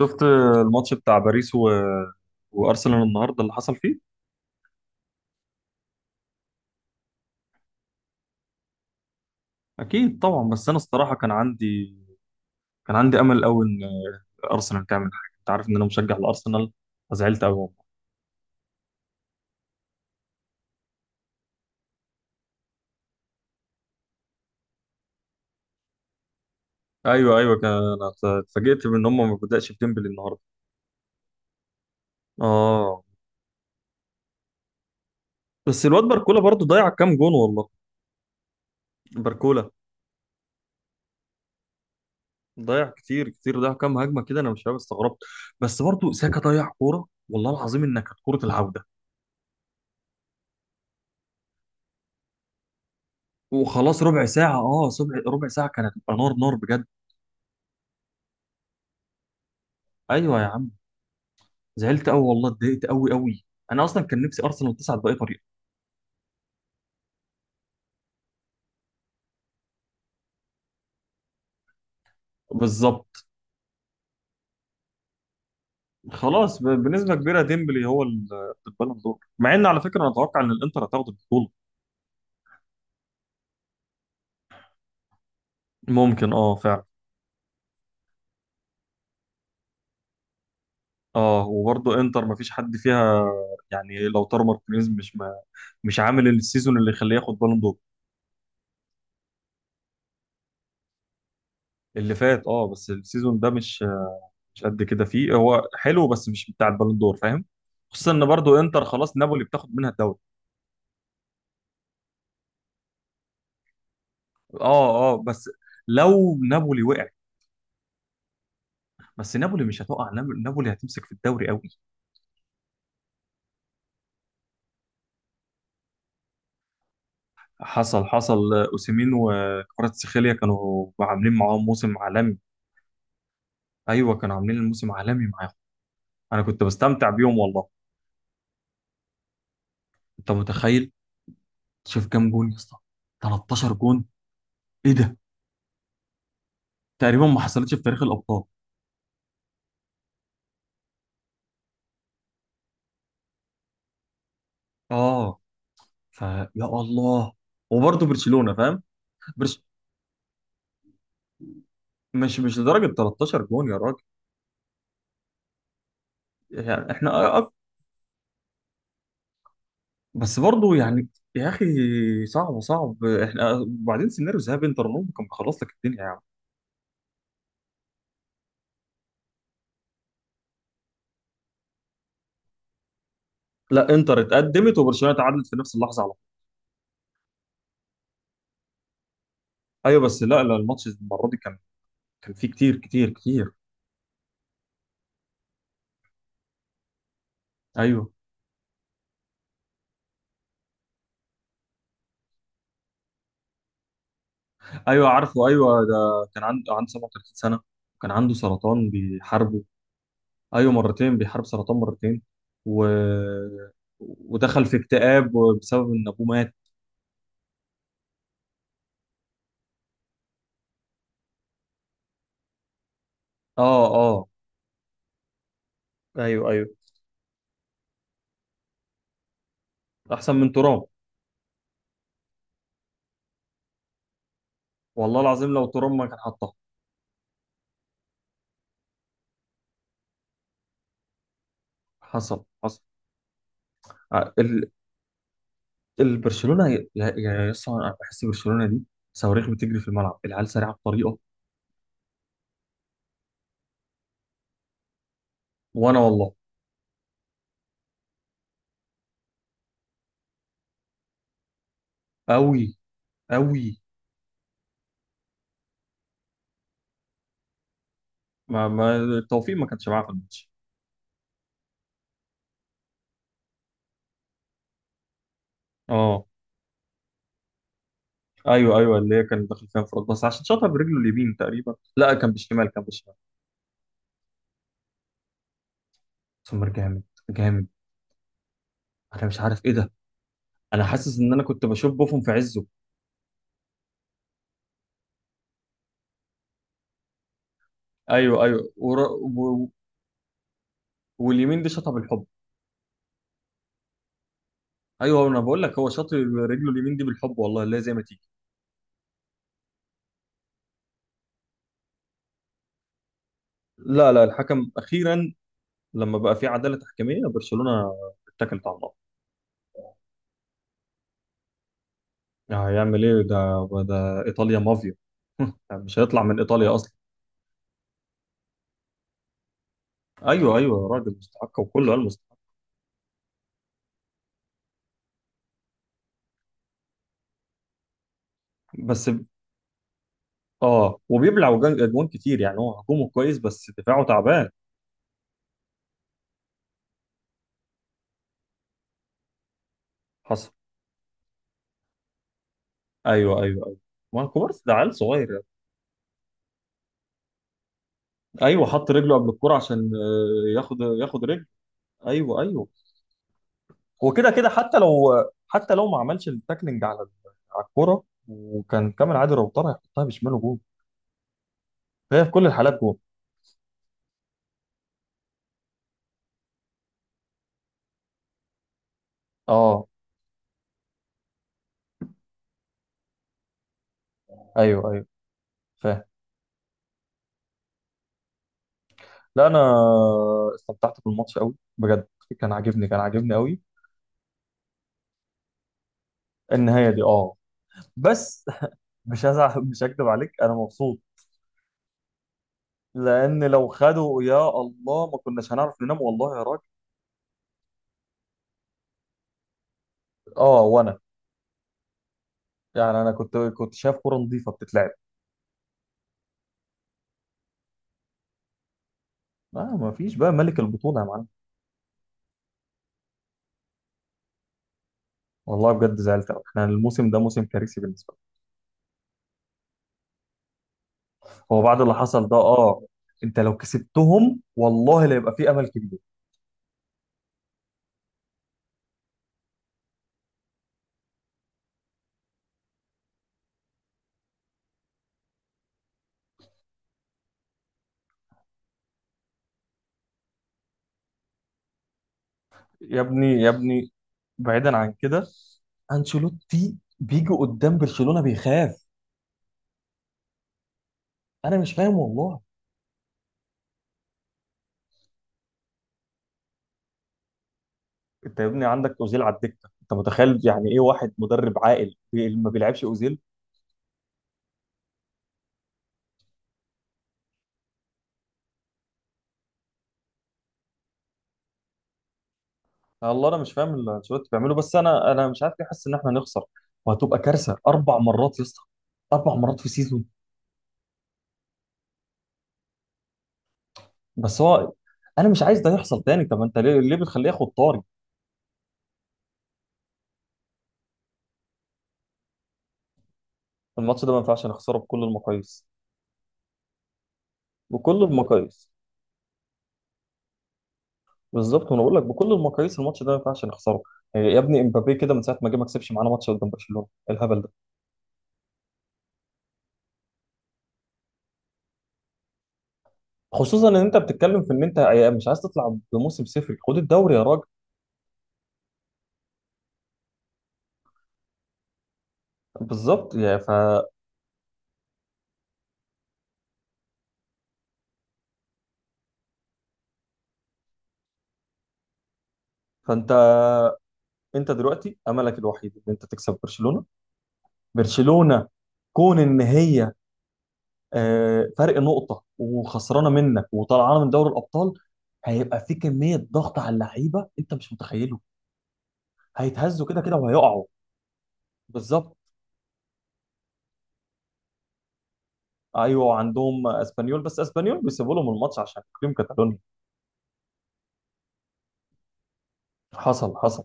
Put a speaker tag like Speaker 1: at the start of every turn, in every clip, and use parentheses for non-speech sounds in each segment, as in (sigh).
Speaker 1: شفت الماتش بتاع باريس وارسنال النهارده اللي حصل فيه. اكيد طبعا، بس انا الصراحه كان عندي امل قوي ان ارسنال تعمل حاجه. انت عارف ان انا مشجع لارسنال، فزعلت قوي والله. ايوه ايوه، كان انا اتفاجئت بان هم ما بدأش بديمبلي النهارده. اه، بس الواد باركولا برضو ضيع كام جون والله. باركولا ضيع كتير كتير، ضيع كام هجمه كده، انا مش فاهم، استغربت. بس برضو ساكا ضيع كوره، والله العظيم انها كانت كوره العوده، وخلاص ربع ساعه. اه، ربع ساعه كانت هتبقى نار نار بجد. ايوه يا زعلت قوي والله، اتضايقت قوي قوي. انا اصلا كان نفسي ارسنال تصعد باي طريقه. بالظبط. خلاص، بنسبه كبيره ديمبلي هو البالون دور، مع ان على فكره انا اتوقع ان الانتر هتاخد البطوله. ممكن اه، فعلا. اه، وبرضه انتر ما فيش حد فيها، يعني لو تارو مارتينيز مش عامل السيزون اللي يخليه ياخد بالون دور. اللي فات اه، بس السيزون ده مش قد كده. فيه هو حلو، بس مش بتاع البالون دور، فاهم. خصوصا ان برضه انتر خلاص، نابولي بتاخد منها الدوري. اه اه، بس لو نابولي وقع. بس نابولي مش هتقع، نابولي هتمسك في الدوري قوي. حصل حصل. اوسيمين وكفاراتسخيليا كانوا عاملين معاهم موسم عالمي. ايوه، كانوا عاملين الموسم عالمي معاهم. انا كنت بستمتع بيهم والله. انت متخيل؟ شوف كام جون يا اسطى، 13 جون. ايه ده؟ تقريبا ما حصلتش في تاريخ الابطال. اه، فيا الله. وبرضه برشلونة فاهم. برش... مش لدرجة 13 جون يا راجل، يعني احنا. بس برضه يعني، يا اخي، صعب صعب. احنا وبعدين سيناريو ذهاب انتر ممكن كان خلص لك الدنيا يا عم. لا، انتر اتقدمت وبرشلونه تعادلت في نفس اللحظه على طول. ايوه، بس لا لا، الماتش المره دي كان، كان فيه كتير كتير كتير. ايوه ايوه عارفه، ايوه ده كان عنده 37 سنه، كان عنده سرطان بيحاربه. ايوه مرتين، بيحارب سرطان مرتين و... ودخل في اكتئاب بسبب ان ابوه مات. اه اه. ايوه ايوه. احسن من ترام. والله العظيم لو ترام ما كان حطها. حصل حصل. ع- ال- البرشلونه يا اسطى، انا بحس برشلونه دي صواريخ بتجري في الملعب، العيال سريعه بطريقه. وانا والله. قوي قوي. ما التوفيق ما كانش معاه في الماتش. اه ايوه ايوه، اللي هي كان داخل فيها انفراد، بس عشان شاطها برجله اليمين تقريبا. لا، كان بالشمال، كان بالشمال. سمر جامد جامد. انا مش عارف ايه ده، انا حاسس ان انا كنت بشوف بوفون في عزه. ايوه ايوه ورا واليمين دي شاطها بالحب. ايوه، انا بقول لك هو شاط رجله اليمين دي بالحب والله، لا زي ما تيجي. لا لا، الحكم اخيرا، لما بقى في عداله تحكيميه برشلونه، اتكلت على الله. يعني هيعمل ايه؟ ده ده ايطاليا مافيا. (laughs) مش هيطلع من ايطاليا اصلا. ايوه ايوه يا راجل، مستحق، وكله قال مستحق. بس اه، وبيبلع اجوان كتير، يعني هو هجومه كويس بس دفاعه تعبان. حصل. ايوه ايوه ايوه. ما كوبارسي ده عيل صغير يعني. ايوه، حط رجله قبل الكرة عشان ياخد، ياخد رجل. ايوه ايوه. هو كده كده، حتى لو ما عملش التاكلينج على على الكرة وكان كامل عادل، لو طلع يحطها بشماله جول. هي في كل الحالات جول. اه ايوه ايوه، فاهم. لا، انا استمتعت بالماتش قوي بجد، كان عاجبني كان عاجبني قوي. النهايه دي اه، بس مش هزعل. (laughs) مش هكدب عليك، انا مبسوط. لان لو خدوا، يا الله، ما كناش هنعرف ننام والله يا راجل. اه وانا. يعني انا كنت شايف كوره نظيفه بتتلعب. آه، ما فيش بقى ملك البطوله يا معلم. والله بجد زعلت قوي، احنا الموسم ده موسم كارثي بالنسبه لي. هو بعد اللي حصل ده اه. انت لو كسبتهم والله، لا يبقى في امل كبير. يا ابني يا ابني، بعيدا عن كده، انشيلوتي بيجي قدام برشلونة بيخاف. انا مش فاهم والله. انت يا ابني عندك اوزيل على الدكه، انت متخيل؟ يعني ايه واحد مدرب عاقل ما بيلعبش اوزيل؟ الله، انا مش فاهم اللي انشيلوتي بيعمله، بس انا مش عارف ليه حاسس ان احنا هنخسر، وهتبقى كارثه. اربع مرات يا اسطى، اربع مرات في سيزون. بس هو، انا مش عايز ده يحصل تاني. طب انت ليه ليه بتخليه ياخد طاري؟ الماتش ده ما ينفعش نخسره بكل المقاييس، بكل المقاييس. بالظبط، وانا بقول لك بكل المقاييس، الماتش ده ما ينفعش نخسره. يعني يا ابني امبابي كده من ساعه ما جه، ما كسبش معانا ماتش قدام برشلونه. إيه الهبل ده؟ خصوصا ان انت بتتكلم في ان انت مش عايز تطلع بموسم صفر، خد الدوري يا راجل. بالظبط، فانت، انت دلوقتي املك الوحيد ان انت تكسب برشلونه. برشلونه، كون ان هي فرق نقطه وخسرانه منك وطلعانه من دوري الابطال، هيبقى في كميه ضغط على اللعيبه انت مش متخيله. هيتهزوا، كده كده وهيقعوا. بالظبط. ايوه عندهم اسبانيول، بس اسبانيول بيسيبوا لهم الماتش عشان تقييم كاتالونيا. حصل حصل.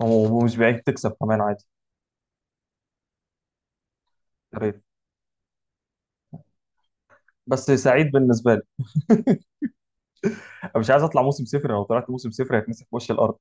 Speaker 1: ومش بعيد تكسب كمان عادي. يا ريت، بس سعيد بالنسبه لي. أنا مش عايز اطلع موسم صفر، لو طلعت موسم صفر هيتمسح في وش الارض.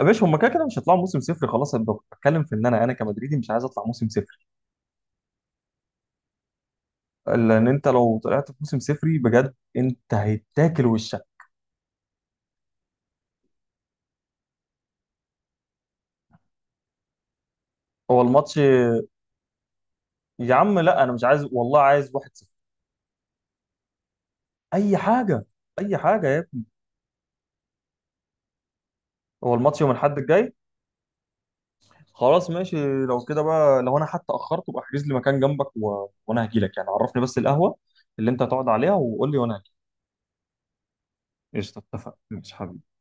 Speaker 1: يا باشا، هم كده كده مش هيطلعوا موسم صفر خلاص. أنا بتكلم في ان انا كمدريدي مش عايز اطلع موسم صفر، لان انت لو طلعت في موسم صفري بجد، انت هيتاكل وشك. هو الماتش، يا عم لا، انا مش عايز والله، عايز 1-0. اي حاجه، اي حاجه يا ابني. هو الماتش يوم الاحد الجاي. خلاص ماشي. لو كده بقى، لو انا حتى اخرت، ابقى احجز لي مكان جنبك وانا هجي لك. يعني عرفني بس القهوة اللي انت هتقعد عليها وقول لي وانا هجي. قشطة، اتفق، مش حبيبي.